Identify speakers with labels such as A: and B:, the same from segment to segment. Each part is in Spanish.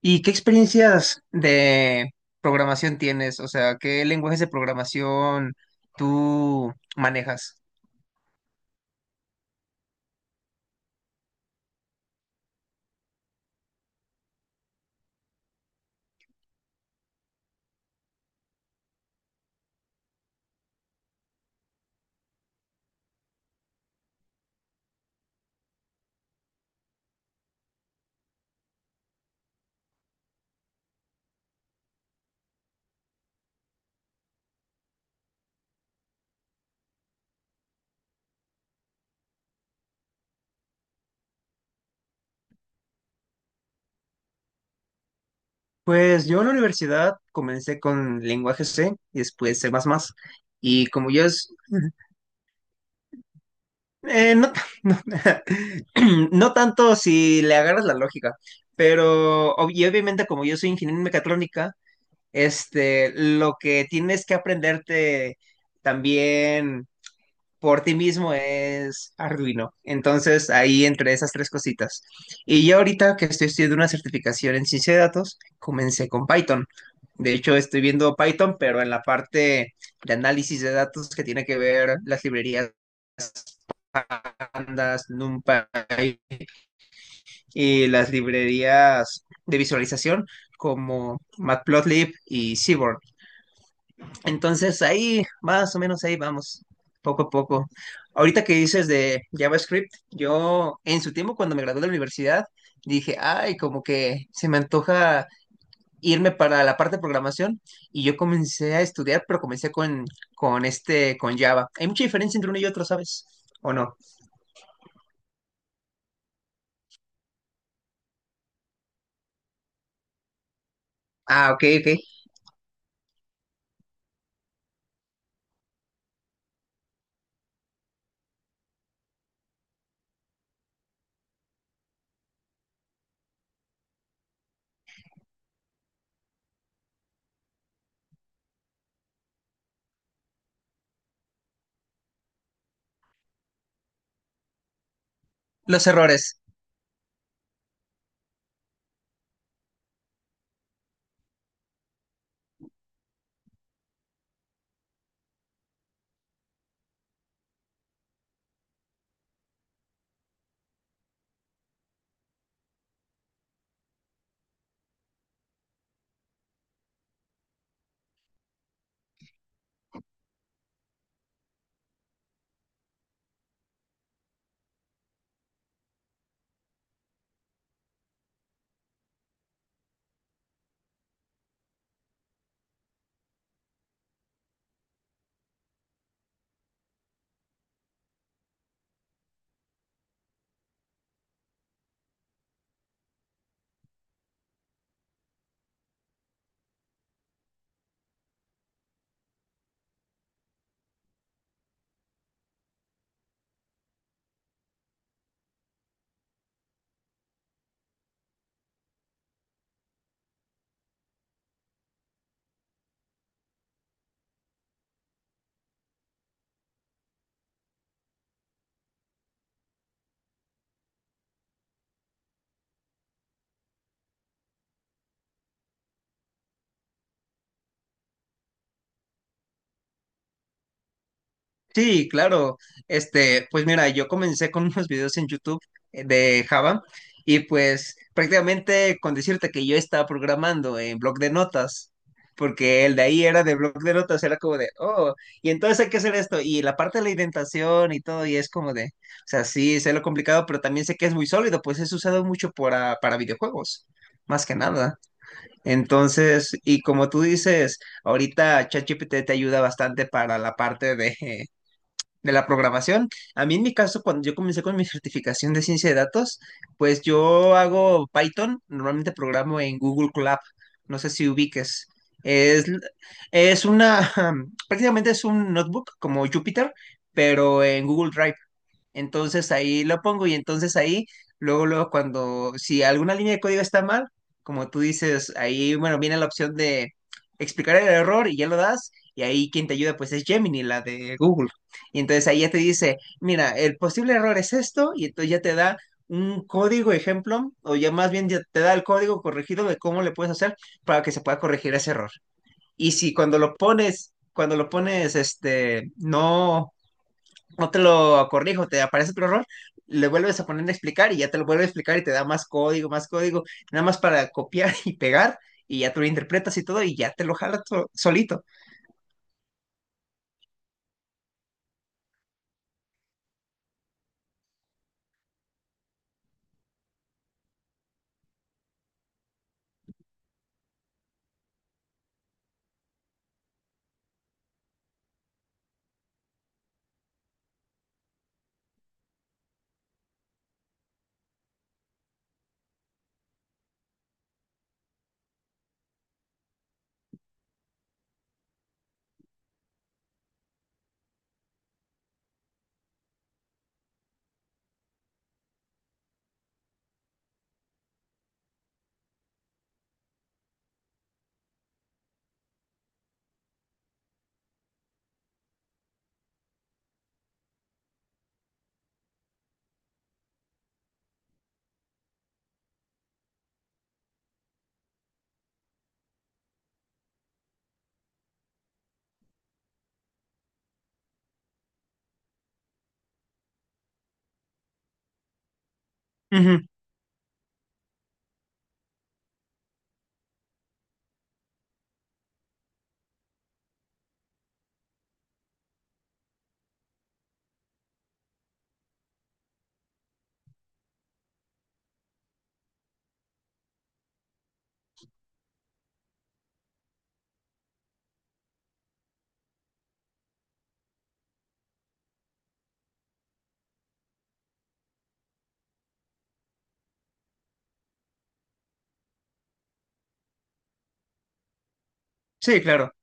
A: ¿Y qué experiencias de programación tienes? O sea, ¿qué lenguajes de programación tú manejas? Pues yo en la universidad comencé con lenguaje C y después C++. Y como yo es... no, no, no tanto si le agarras la lógica, pero y obviamente, como yo soy ingeniero en mecatrónica, este, lo que tienes que aprenderte también por ti mismo es Arduino. Entonces, ahí entre esas tres cositas. Y yo ahorita que estoy estudiando una certificación en ciencia de datos, comencé con Python. De hecho, estoy viendo Python, pero en la parte de análisis de datos, que tiene que ver las librerías Pandas, NumPy y las librerías de visualización como Matplotlib y Seaborn. Entonces ahí, más o menos ahí vamos, poco a poco. Ahorita que dices de JavaScript, yo en su tiempo, cuando me gradué de la universidad, dije, ay, como que se me antoja irme para la parte de programación, y yo comencé a estudiar, pero comencé con, con Java. Hay mucha diferencia entre uno y otro, ¿sabes? ¿O no? Ah, ok, ok. Los errores. Sí, claro. Pues mira, yo comencé con unos videos en YouTube, de Java, y pues prácticamente con decirte que yo estaba programando en bloc de notas, porque el de ahí era de bloc de notas, era como de, oh, y entonces hay que hacer esto, y la parte de la indentación y todo, y es como de, o sea, sí, sé lo complicado, pero también sé que es muy sólido, pues es usado mucho para videojuegos. Más que nada. Entonces, y como tú dices, ahorita ChatGPT te ayuda bastante para la parte de la programación. A mí en mi caso, cuando yo comencé con mi certificación de ciencia de datos, pues yo hago Python, normalmente programo en Google Colab, no sé si ubiques. Es, es una, prácticamente es un notebook como Jupyter, pero en Google Drive. Entonces ahí lo pongo, y entonces ahí, luego, luego, cuando, si alguna línea de código está mal, como tú dices, ahí, bueno, viene la opción de explicar el error y ya lo das, y ahí quien te ayuda pues es Gemini, la de Google. Y entonces ahí ya te dice, mira, el posible error es esto, y entonces ya te da un código ejemplo, o ya más bien ya te da el código corregido de cómo le puedes hacer para que se pueda corregir ese error. Y si, cuando lo pones, no, no te lo corrijo, te aparece otro error, le vuelves a poner a explicar y ya te lo vuelve a explicar y te da más código, nada más para copiar y pegar, y ya tú lo interpretas y todo, y ya te lo jala solito. Ujú. Sí, claro.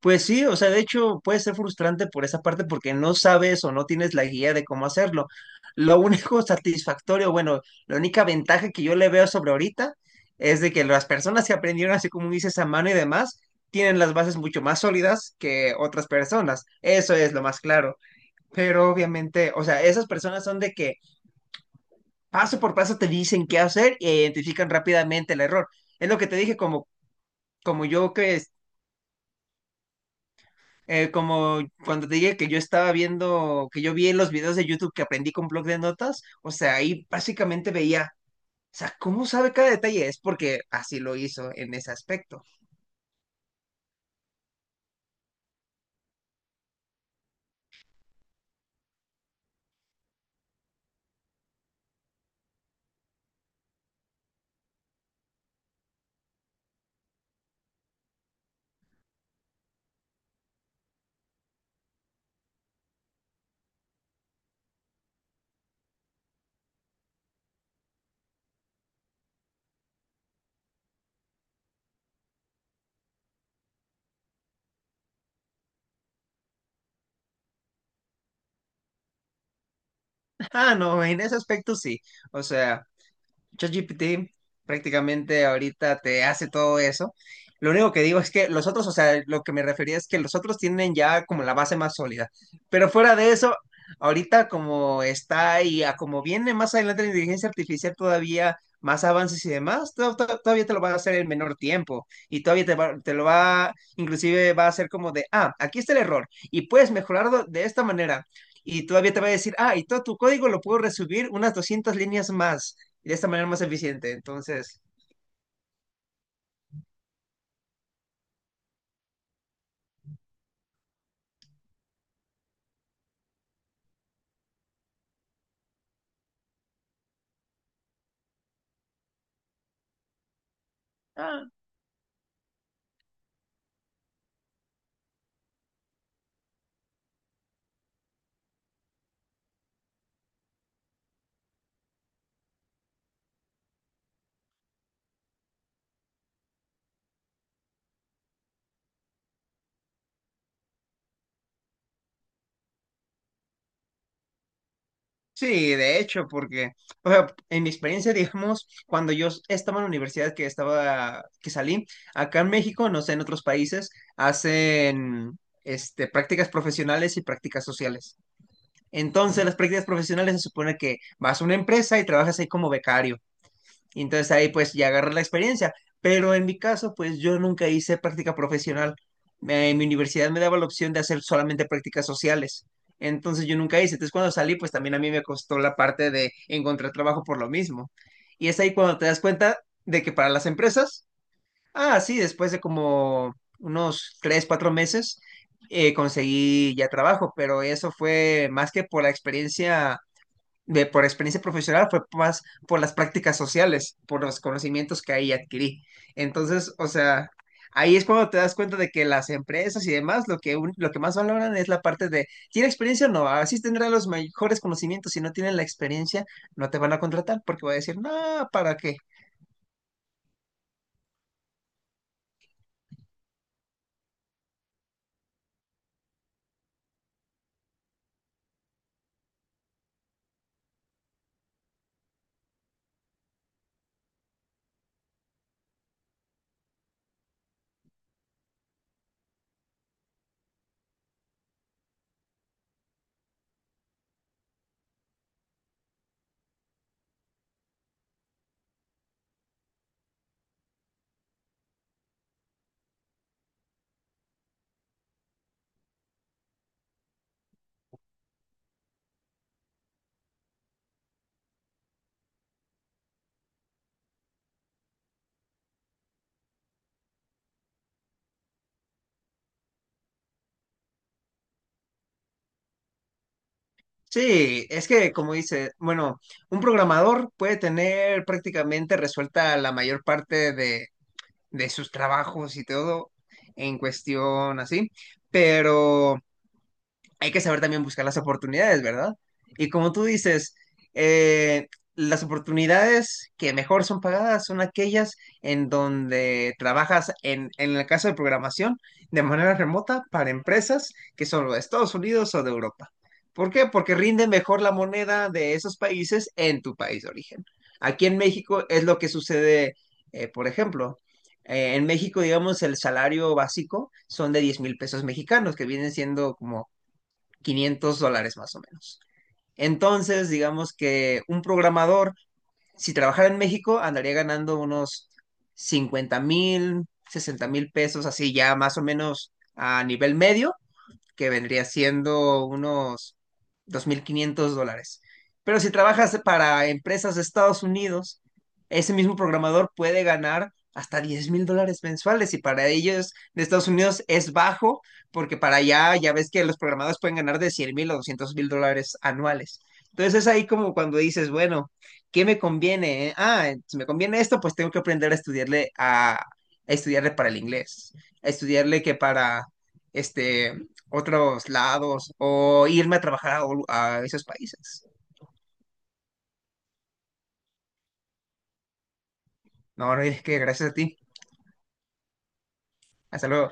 A: Pues sí, o sea, de hecho puede ser frustrante por esa parte, porque no sabes o no tienes la guía de cómo hacerlo. Lo único satisfactorio, bueno, la única ventaja que yo le veo sobre ahorita es de que las personas que aprendieron así como dices, a mano y demás, tienen las bases mucho más sólidas que otras personas. Eso es lo más claro. Pero obviamente, o sea, esas personas son de que paso por paso te dicen qué hacer e identifican rápidamente el error. Es lo que te dije, como yo que como cuando te dije que yo estaba viendo, que yo vi en los videos de YouTube, que aprendí con blog de notas, o sea, ahí básicamente veía, o sea, ¿cómo sabe cada detalle? Es porque así lo hizo en ese aspecto. Ah, no, en ese aspecto sí. O sea, ChatGPT prácticamente ahorita te hace todo eso. Lo único que digo es que los otros, o sea, lo que me refería, es que los otros tienen ya como la base más sólida. Pero fuera de eso, ahorita como está y a como viene más adelante la inteligencia artificial, todavía más avances y demás, todavía te lo va a hacer en menor tiempo, y todavía te lo va, inclusive, va a hacer como de, ah, aquí está el error y puedes mejorarlo de esta manera. Y todavía te va a decir, ah, y todo tu código lo puedo resubir unas 200 líneas más y de esta manera más eficiente. Entonces, ah, sí, de hecho, porque, o sea, en mi experiencia, digamos, cuando yo estaba en la universidad, que salí, acá en México, no sé, en otros países, hacen, prácticas profesionales y prácticas sociales. Entonces, las prácticas profesionales se supone que vas a una empresa y trabajas ahí como becario. Y entonces ahí pues ya agarré la experiencia. Pero en mi caso, pues yo nunca hice práctica profesional. En mi universidad me daba la opción de hacer solamente prácticas sociales. Entonces yo nunca hice. Entonces, cuando salí, pues también a mí me costó la parte de encontrar trabajo por lo mismo. Y es ahí cuando te das cuenta de que para las empresas... Ah, sí, después de como unos tres, cuatro meses, conseguí ya trabajo, pero eso fue más que por la experiencia por experiencia profesional, fue más por las prácticas sociales, por los conocimientos que ahí adquirí. Entonces, o sea, ahí es cuando te das cuenta de que las empresas y demás, lo que más valoran, es la parte de, ¿tiene experiencia? No, así tendrá los mejores conocimientos. Si no tienen la experiencia, no te van a contratar, porque va a decir, no, ¿para qué? Sí, es que, como dice, bueno, un programador puede tener prácticamente resuelta la mayor parte de, sus trabajos y todo en cuestión así, pero hay que saber también buscar las oportunidades, ¿verdad? Y como tú dices, eh, las oportunidades que mejor son pagadas son aquellas en donde trabajas, en el caso de programación, de manera remota, para empresas que son de Estados Unidos o de Europa. ¿Por qué? Porque rinde mejor la moneda de esos países en tu país de origen. Aquí en México es lo que sucede, por ejemplo, en México, digamos, el salario básico son de 10,000 pesos mexicanos, que vienen siendo como 500 dólares, más o menos. Entonces, digamos que un programador, si trabajara en México, andaría ganando unos 50,000, 60,000 pesos, así, ya más o menos a nivel medio, que vendría siendo unos 2,500 dólares. Pero si trabajas para empresas de Estados Unidos, ese mismo programador puede ganar hasta 10,000 dólares mensuales, y para ellos de Estados Unidos es bajo, porque para allá ya ves que los programadores pueden ganar de 100,000 o 200,000 dólares anuales. Entonces es ahí como cuando dices, bueno, ¿qué me conviene? Ah, si me conviene esto, pues tengo que aprender a estudiarle a, estudiarle para el inglés, a estudiarle que para este otros lados, o irme a trabajar a, esos países. No, no, es que gracias a ti. Hasta luego.